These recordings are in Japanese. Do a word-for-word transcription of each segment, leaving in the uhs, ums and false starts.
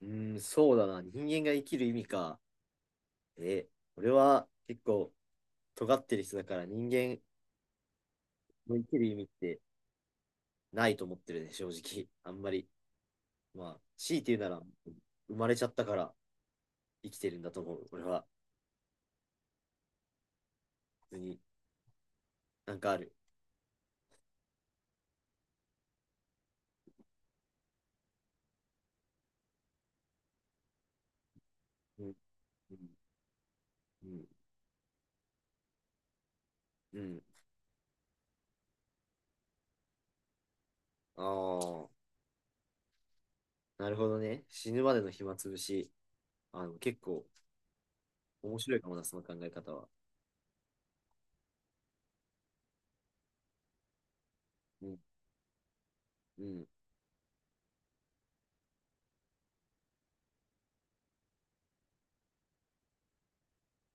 うーん、そうだな。人間が生きる意味か。え、俺は結構尖ってる人だから人間の生きる意味ってないと思ってるね、正直。あんまり。まあ、強いて言うなら、生まれちゃったから生きてるんだと思う。俺は、普通になんかある。うん、うん、うん。うん。ああ、なるほどね。死ぬまでの暇つぶし。あの、結構面白いかもな、その考え方は。うん、うん、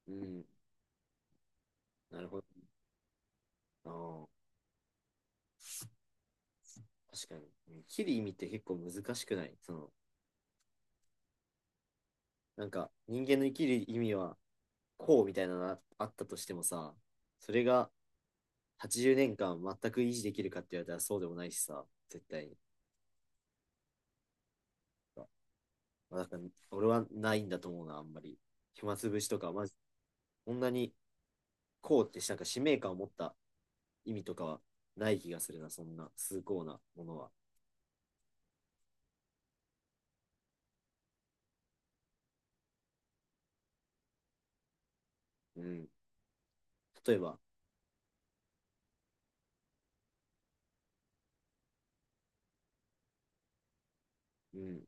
うん。なるほど。ああ。確かに。生きる意味って結構難しくない、その、なんか人間の生きる意味はこうみたいなのがあったとしてもさ、それがはちじゅうねんかん全く維持できるかって言われたらそうでもないしさ、絶対に。まあ、だから俺はないんだと思うな、あんまり。暇つぶしとか、まず、こんなにこうってなんか使命感を持った意味とかはない気がするな、そんな崇高なものは。うん。例えば、うん、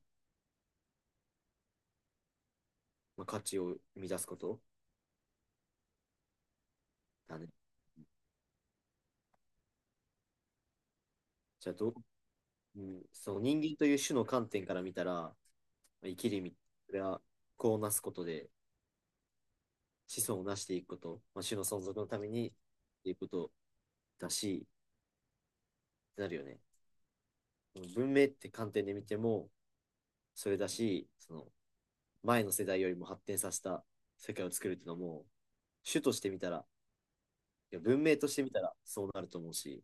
まあ、価値を生み出すことだね。じゃあど、うん、そう、人間という種の観点から見たら、生きる意味、それは子をなすことで子孫をなしていくこと、まあ、種の存続のためにっていうことだし、なるよね。文明って観点で見ても、それだし、その前の世代よりも発展させた世界を作るっていうのも、種として見たら、いや文明として見たらそうなると思うし、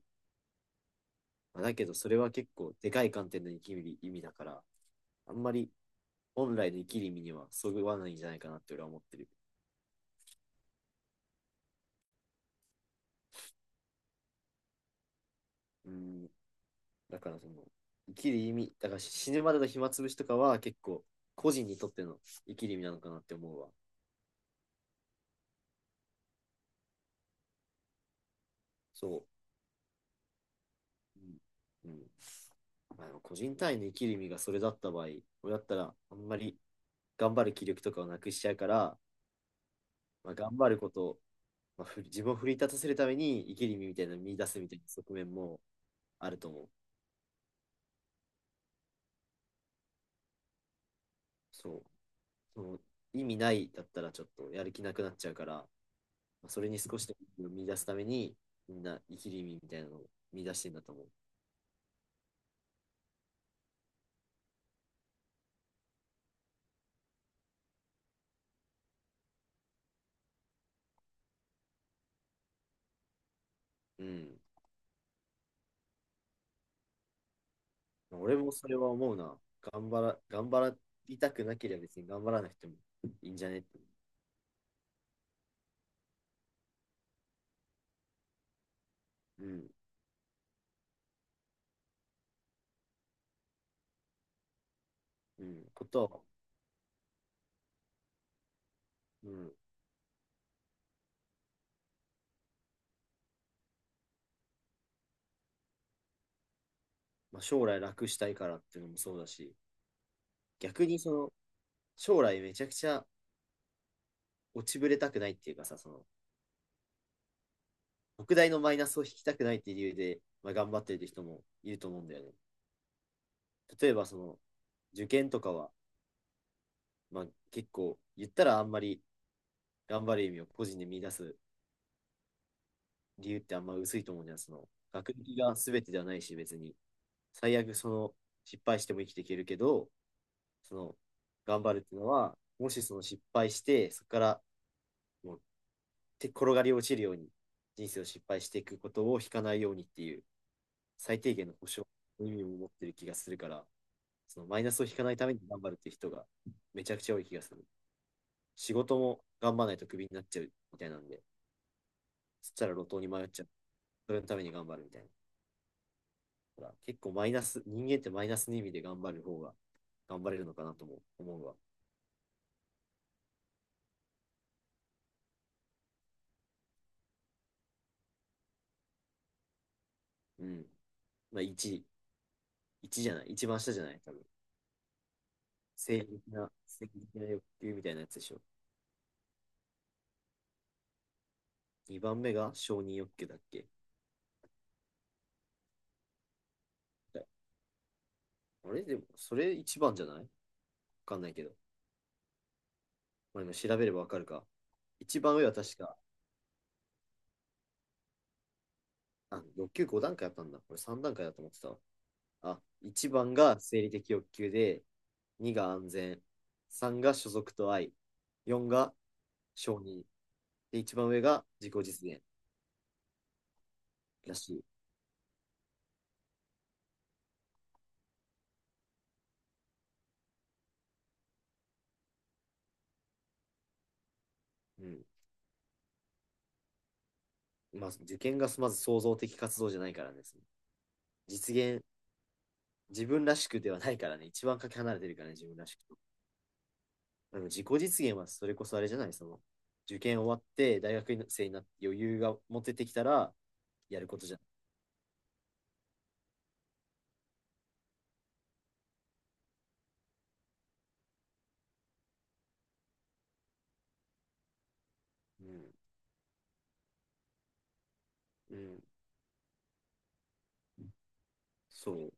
まあ、だけどそれは結構でかい観点の生きる意味だから、あんまり本来の生きる意味にはそぐわないんじゃないかなって俺は思ってる。うん、だからその、生きる意味、だから死ぬまでの暇つぶしとかは結構、個人にとっての生きる意味なのかなって思うわ。そう。うん。うん。まあ、でも個人単位の生きる意味がそれだった場合、俺だったら、あんまり頑張る気力とかをなくしちゃうから、まあ、頑張ることを、まあ、ふり自分を奮い立たせるために生きる意味みたいなのを見出すみたいな側面もあると思う。そう。その意味ないだったらちょっとやる気なくなっちゃうから、まあそれに少しでも見出すために、みんな生きる意味みたいなのを見出してんだと思う。うん。俺もそれは思うな。頑張ら、頑張りたくなければ別に頑張らなくてもいいんじゃねって。うん。うん。ことは、うん。まあ、将来楽したいからっていうのもそうだし、逆にその、将来めちゃくちゃ落ちぶれたくないっていうかさ、その、特大のマイナスを引きたくないっていう理由で、まあ、頑張ってる人もいると思うんだよね。例えばその、受験とかは、まあ、結構言ったらあんまり頑張る意味を個人で見出す理由ってあんま薄いと思うんじゃん。その学歴が全てではないし、別に。最悪その失敗しても生きていけるけど、その頑張るっていうのは、もしその失敗して、そこからもう手転がり落ちるように人生を失敗していくことを引かないようにっていう最低限の保証の意味を持ってる気がするから、そのマイナスを引かないために頑張るっていう人がめちゃくちゃ多い気がする。仕事も頑張らないとクビになっちゃうみたいなんで、そしたら路頭に迷っちゃう。それのために頑張るみたいな。ほら結構マイナス、人間ってマイナスの意味で頑張る方が頑張れるのかなとも思うわ。うん。まあ、いち、一じゃない、一番下じゃない、多分。生理的な、性的な欲求みたいなやつでしょ。にばんめが承認欲求だっけ。あれでも、それいちばんじゃないわかんないけど。まあ、今調べればわかるか。一番上は確か、あ、欲求ご段階あったんだ。これさん段階だと思ってたわ。あ、いちばんが生理的欲求で、にが安全、さんが所属と愛、よんが承認で、一番上が自己実現だし、うん。まあ、受験がまず創造的活動じゃないからですね。実現、自分らしくではないからね。一番かけ離れてるからね、自分らしくと。でも自己実現はそれこそあれじゃない、その、受験終わって大学生になって余裕が持ててきたら、やることじゃん。うん。うん。そう。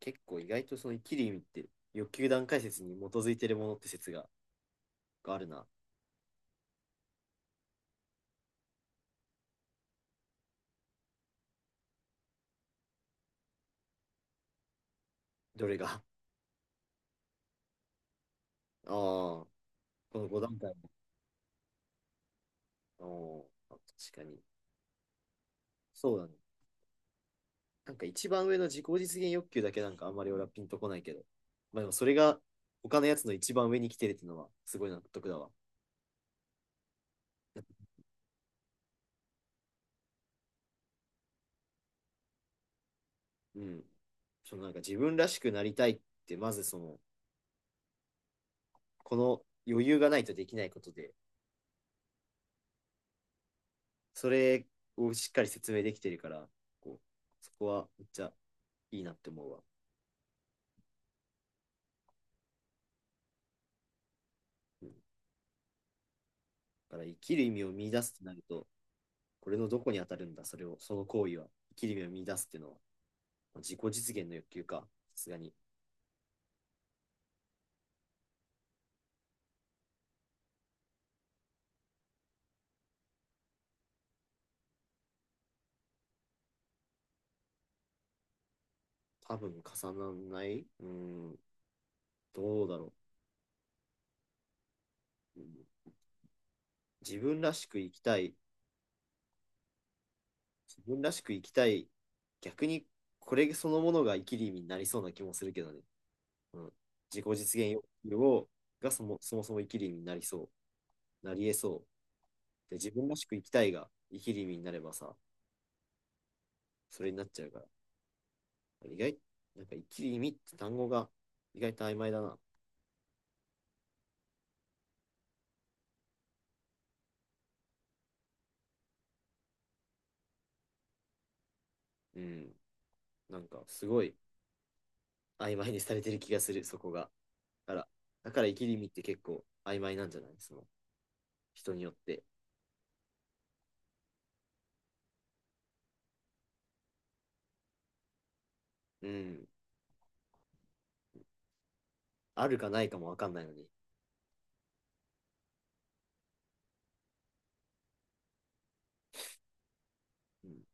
結構意外とその生きる意味って、欲求段階説に基づいてるものって説があるな。どれが。ああ、このご段階。ああ、確かに。そうだね。なんか一番上の自己実現欲求だけなんかあんまり俺はピンとこないけど。まあでもそれが他のやつの一番上に来てるっていうのはすごい納得だわ。うん。そのなんか自分らしくなりたいって、まずその、この余裕がないとできないことで、それをしっかり説明できてるから、こう、そこはめっちゃいいなって思うわ。うん、だから生きる意味を見出すってなると、これのどこに当たるんだ、それを、その行為は。生きる意味を見出すっていうのは、自己実現の欲求か。さすがに多分重ならない。うん、どうだろう。自分らしく生きたい。自分らしく生きたい。逆にこれそのものが生きる意味になりそうな気もするけどね。うん、自己実現欲求をがそもそもそも生きる意味になりそう。なり得そう。で、自分らしく生きたいが生きる意味になればさ、それになっちゃうから。意外、なんか生きる意味って単語が意外と曖昧だな。うん。なんかすごい曖昧にされてる気がする、そこが。から、だから生きりみって結構曖昧なんじゃない、その人によって。うん。あるかないかもわかんないのに。うん。